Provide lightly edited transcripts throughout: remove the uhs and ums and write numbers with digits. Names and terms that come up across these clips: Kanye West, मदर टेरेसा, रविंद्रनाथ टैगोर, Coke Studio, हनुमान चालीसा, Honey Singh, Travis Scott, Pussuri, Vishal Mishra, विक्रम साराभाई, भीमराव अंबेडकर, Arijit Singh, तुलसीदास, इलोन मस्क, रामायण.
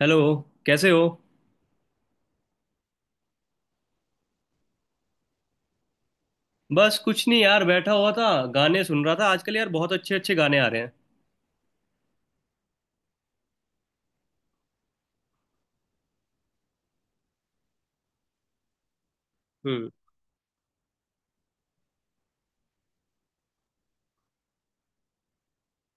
Hello. कैसे हो। बस कुछ नहीं यार, बैठा हुआ था। गाने सुन रहा था। आजकल यार बहुत अच्छे अच्छे गाने आ रहे हैं। हम्म।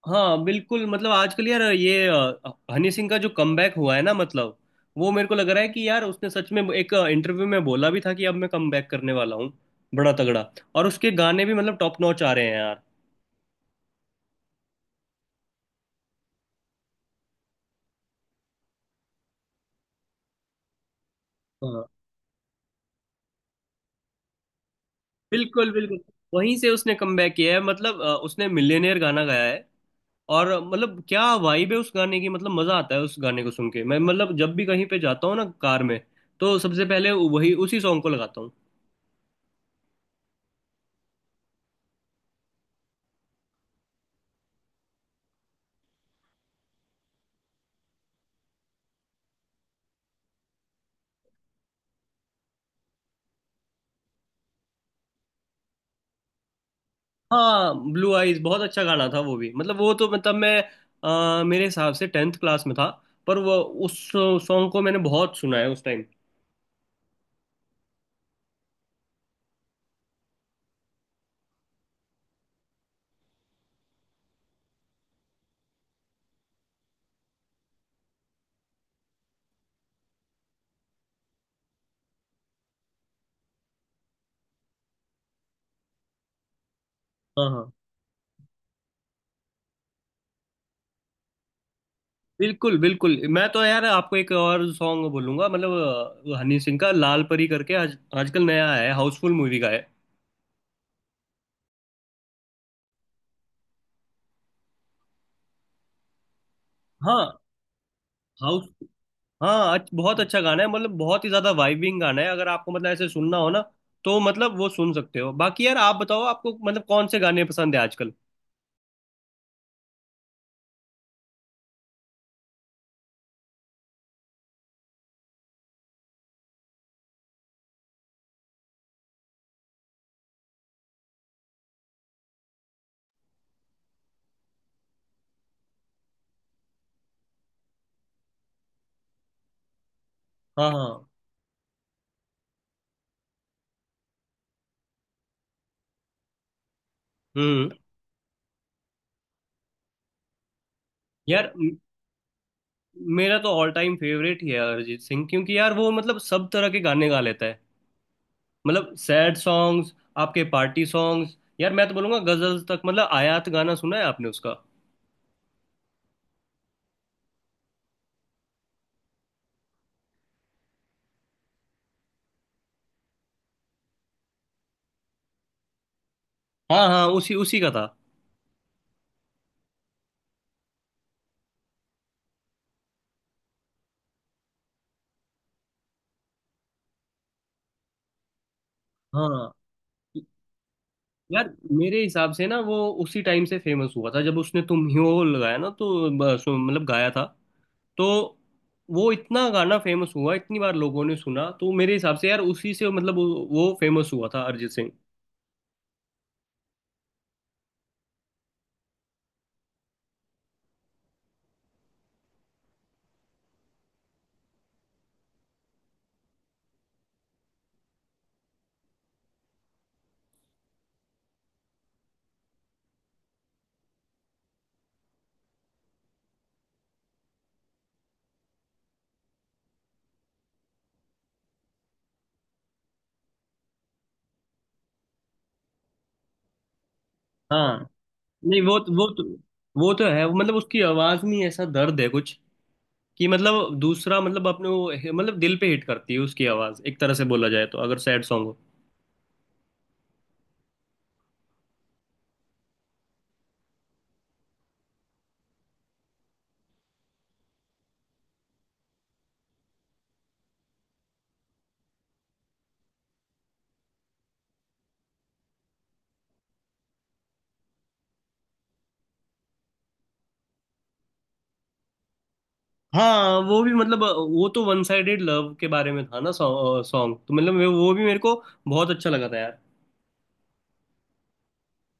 हाँ बिल्कुल। मतलब आजकल यार ये हनी सिंह का जो कमबैक हुआ है ना मतलब। वो मेरे को लग रहा है कि यार उसने सच में एक इंटरव्यू में बोला भी था कि अब मैं कमबैक करने वाला हूँ बड़ा तगड़ा। और उसके गाने भी मतलब टॉप नॉच आ रहे हैं यार। हाँ बिल्कुल बिल्कुल। वहीं से उसने कमबैक किया है मतलब उसने मिलियनेयर गाना गाया है। और मतलब क्या वाइब है उस गाने की। मतलब मजा आता है उस गाने को सुन के। मैं मतलब जब भी कहीं पे जाता हूँ ना कार में, तो सबसे पहले वही उसी सॉन्ग को लगाता हूँ। हाँ, ब्लू आइज बहुत अच्छा गाना था वो भी। मतलब वो तो मतलब मैं मेरे हिसाब से टेंथ क्लास में था। पर वो उस सॉन्ग को मैंने बहुत सुना है उस टाइम। हाँ हाँ। बिल्कुल बिल्कुल। मैं तो यार आपको एक और सॉन्ग बोलूंगा मतलब हनी सिंह का लाल परी करके आज आजकल नया आया है, हाउसफुल मूवी का है। हाँ हाँ। बहुत अच्छा गाना है मतलब बहुत ही ज्यादा वाइबिंग गाना है। अगर आपको मतलब ऐसे सुनना हो ना तो मतलब वो सुन सकते हो। बाकी यार आप बताओ आपको मतलब कौन से गाने पसंद है आजकल। हाँ हाँ। हम्म। यार मेरा तो ऑल टाइम फेवरेट ही है अरिजीत सिंह क्योंकि यार वो मतलब सब तरह के गाने गा लेता है। मतलब सैड सॉन्ग्स, आपके पार्टी सॉन्ग्स, यार मैं तो बोलूंगा गजल्स तक। मतलब आयात गाना सुना है आपने उसका। हाँ हाँ, उसी उसी का था। हाँ यार, मेरे हिसाब से ना वो उसी टाइम से फेमस हुआ था जब उसने तुम ही हो लगाया ना तो मतलब गाया था। तो वो इतना गाना फेमस हुआ, इतनी बार लोगों ने सुना, तो मेरे हिसाब से यार उसी से मतलब वो फेमस हुआ था अरिजीत सिंह। हाँ। नहीं, वो तो है मतलब उसकी आवाज में ऐसा दर्द है कुछ कि मतलब दूसरा मतलब अपने वो मतलब दिल पे हिट करती है उसकी आवाज, एक तरह से बोला जाए तो, अगर सैड सॉन्ग हो। हाँ, वो भी मतलब वो तो वन साइडेड लव के बारे में था ना सॉन्ग, तो मतलब वो भी मेरे को बहुत अच्छा लगा था यार।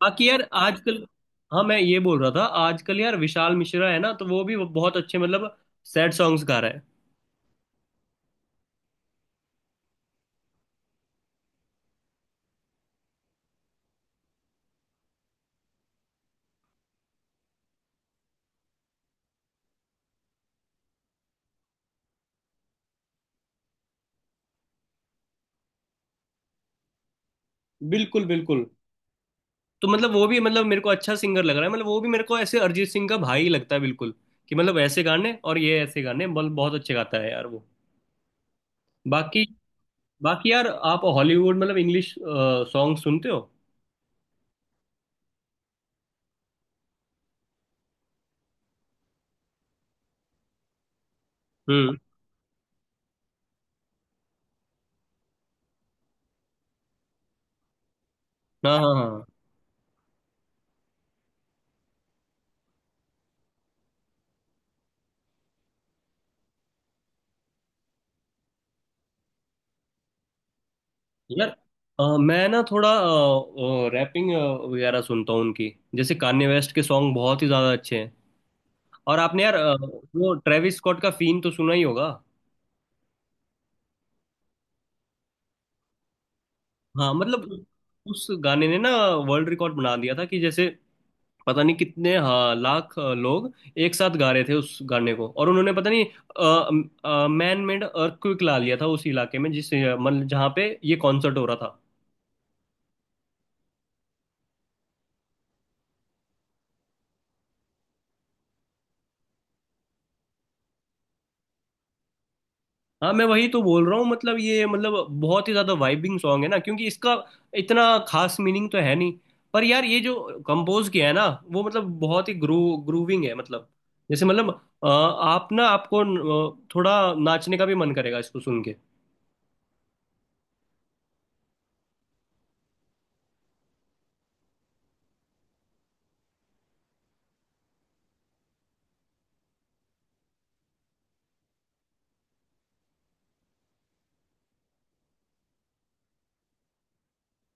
बाकी यार आजकल। हाँ, मैं ये बोल रहा था, आजकल यार विशाल मिश्रा है ना, तो वो भी बहुत अच्छे मतलब सैड सॉन्ग्स गा रहा है। बिल्कुल बिल्कुल। तो मतलब वो भी मतलब मेरे को अच्छा सिंगर लग रहा है। मतलब वो भी मेरे को ऐसे अरिजीत सिंह का भाई लगता है बिल्कुल कि मतलब ऐसे गाने और ये ऐसे गाने मतलब बहुत अच्छे गाता है यार वो। बाकी। बाकी यार आप हॉलीवुड मतलब इंग्लिश सॉन्ग सुनते हो। हम्म। हाँ हाँ हाँ। यार मैं ना थोड़ा रैपिंग वगैरह सुनता हूँ उनकी। जैसे कान्ये वेस्ट के सॉन्ग बहुत ही ज्यादा अच्छे हैं। और आपने यार वो ट्रेविस स्कॉट का फीन तो सुना ही होगा। हाँ मतलब उस गाने ने ना वर्ल्ड रिकॉर्ड बना दिया था कि जैसे पता नहीं कितने, हाँ, लाख लोग एक साथ गा रहे थे उस गाने को। और उन्होंने पता नहीं मैन मेड अर्थक्वेक ला लिया था उस इलाके में, जिस मतलब जहाँ पे ये कॉन्सर्ट हो रहा था। हाँ, मैं वही तो बोल रहा हूँ। मतलब ये मतलब बहुत ही ज्यादा वाइबिंग सॉन्ग है ना क्योंकि इसका इतना खास मीनिंग तो है नहीं। पर यार ये जो कंपोज किया है ना, वो मतलब बहुत ही ग्रूविंग है मतलब जैसे मतलब आप ना आपको थोड़ा नाचने का भी मन करेगा इसको सुन के।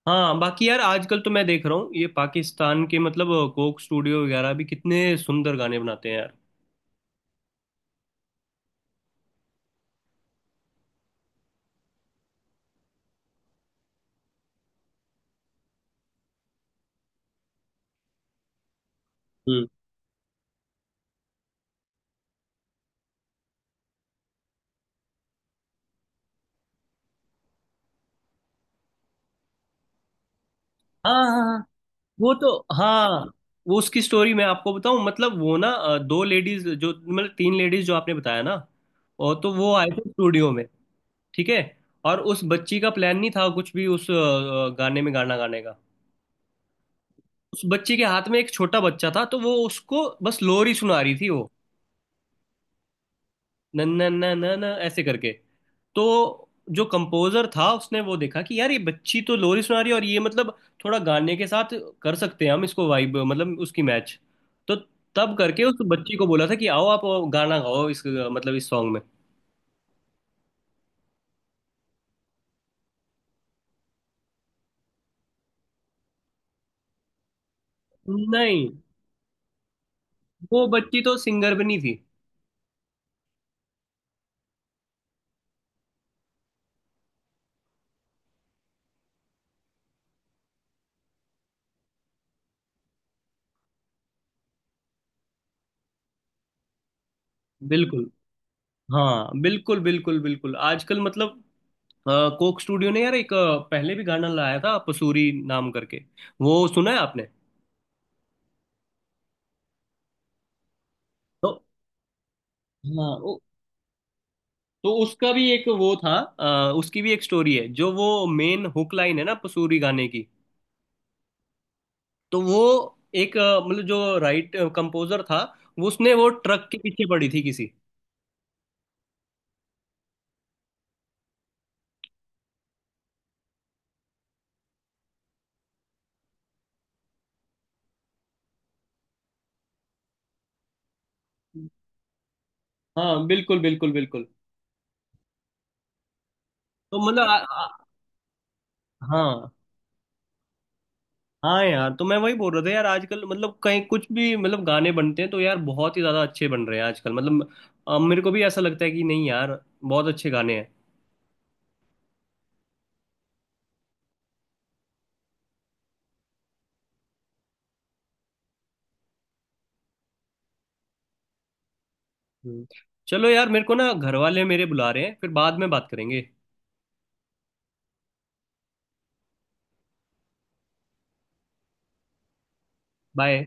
हाँ। बाकी यार आजकल तो मैं देख रहा हूँ ये पाकिस्तान के मतलब कोक स्टूडियो वगैरह भी कितने सुंदर गाने बनाते हैं यार। हम्म। हाँ हाँ। वो तो। हाँ, वो उसकी स्टोरी मैं आपको बताऊं। मतलब वो ना दो लेडीज जो मतलब तीन लेडीज जो आपने बताया ना, और तो वो आए थे स्टूडियो में। ठीक है। और उस बच्ची का प्लान नहीं था कुछ भी उस गाने में गाना गाने का। उस बच्ची के हाथ में एक छोटा बच्चा था, तो वो उसको बस लोरी सुना रही थी, वो नन्ना नन्ना न ऐसे करके। तो जो कंपोजर था उसने वो देखा कि यार ये बच्ची तो लोरी सुना रही है और ये मतलब थोड़ा गाने के साथ कर सकते हैं हम इसको, वाइब मतलब उसकी मैच। तो तब करके उस बच्ची को बोला था कि आओ आप गाना गाओ इस मतलब इस सॉन्ग में। नहीं, वो बच्ची तो सिंगर भी नहीं थी। बिल्कुल। हाँ बिल्कुल बिल्कुल बिल्कुल। आजकल मतलब अ, कोक स्टूडियो ने यार एक पहले भी गाना लाया था पसूरी नाम करके। वो सुना है आपने। तो हाँ। तो उसका भी एक वो था। उसकी भी एक स्टोरी है। जो वो मेन हुक लाइन है ना पसूरी गाने की, तो वो एक मतलब जो राइट कंपोजर था, वो उसने वो ट्रक के पीछे पड़ी थी किसी। हाँ बिल्कुल बिल्कुल बिल्कुल। तो मतलब आ- हाँ हाँ यार, तो मैं वही बोल रहा था यार आजकल मतलब कहीं कुछ भी मतलब गाने बनते हैं तो यार बहुत ही ज्यादा अच्छे बन रहे हैं आजकल। मतलब मेरे को भी ऐसा लगता है कि नहीं यार बहुत अच्छे गाने हैं। हम्म। चलो यार, मेरे को ना घर वाले मेरे बुला रहे हैं, फिर बाद में बात करेंगे। बाय।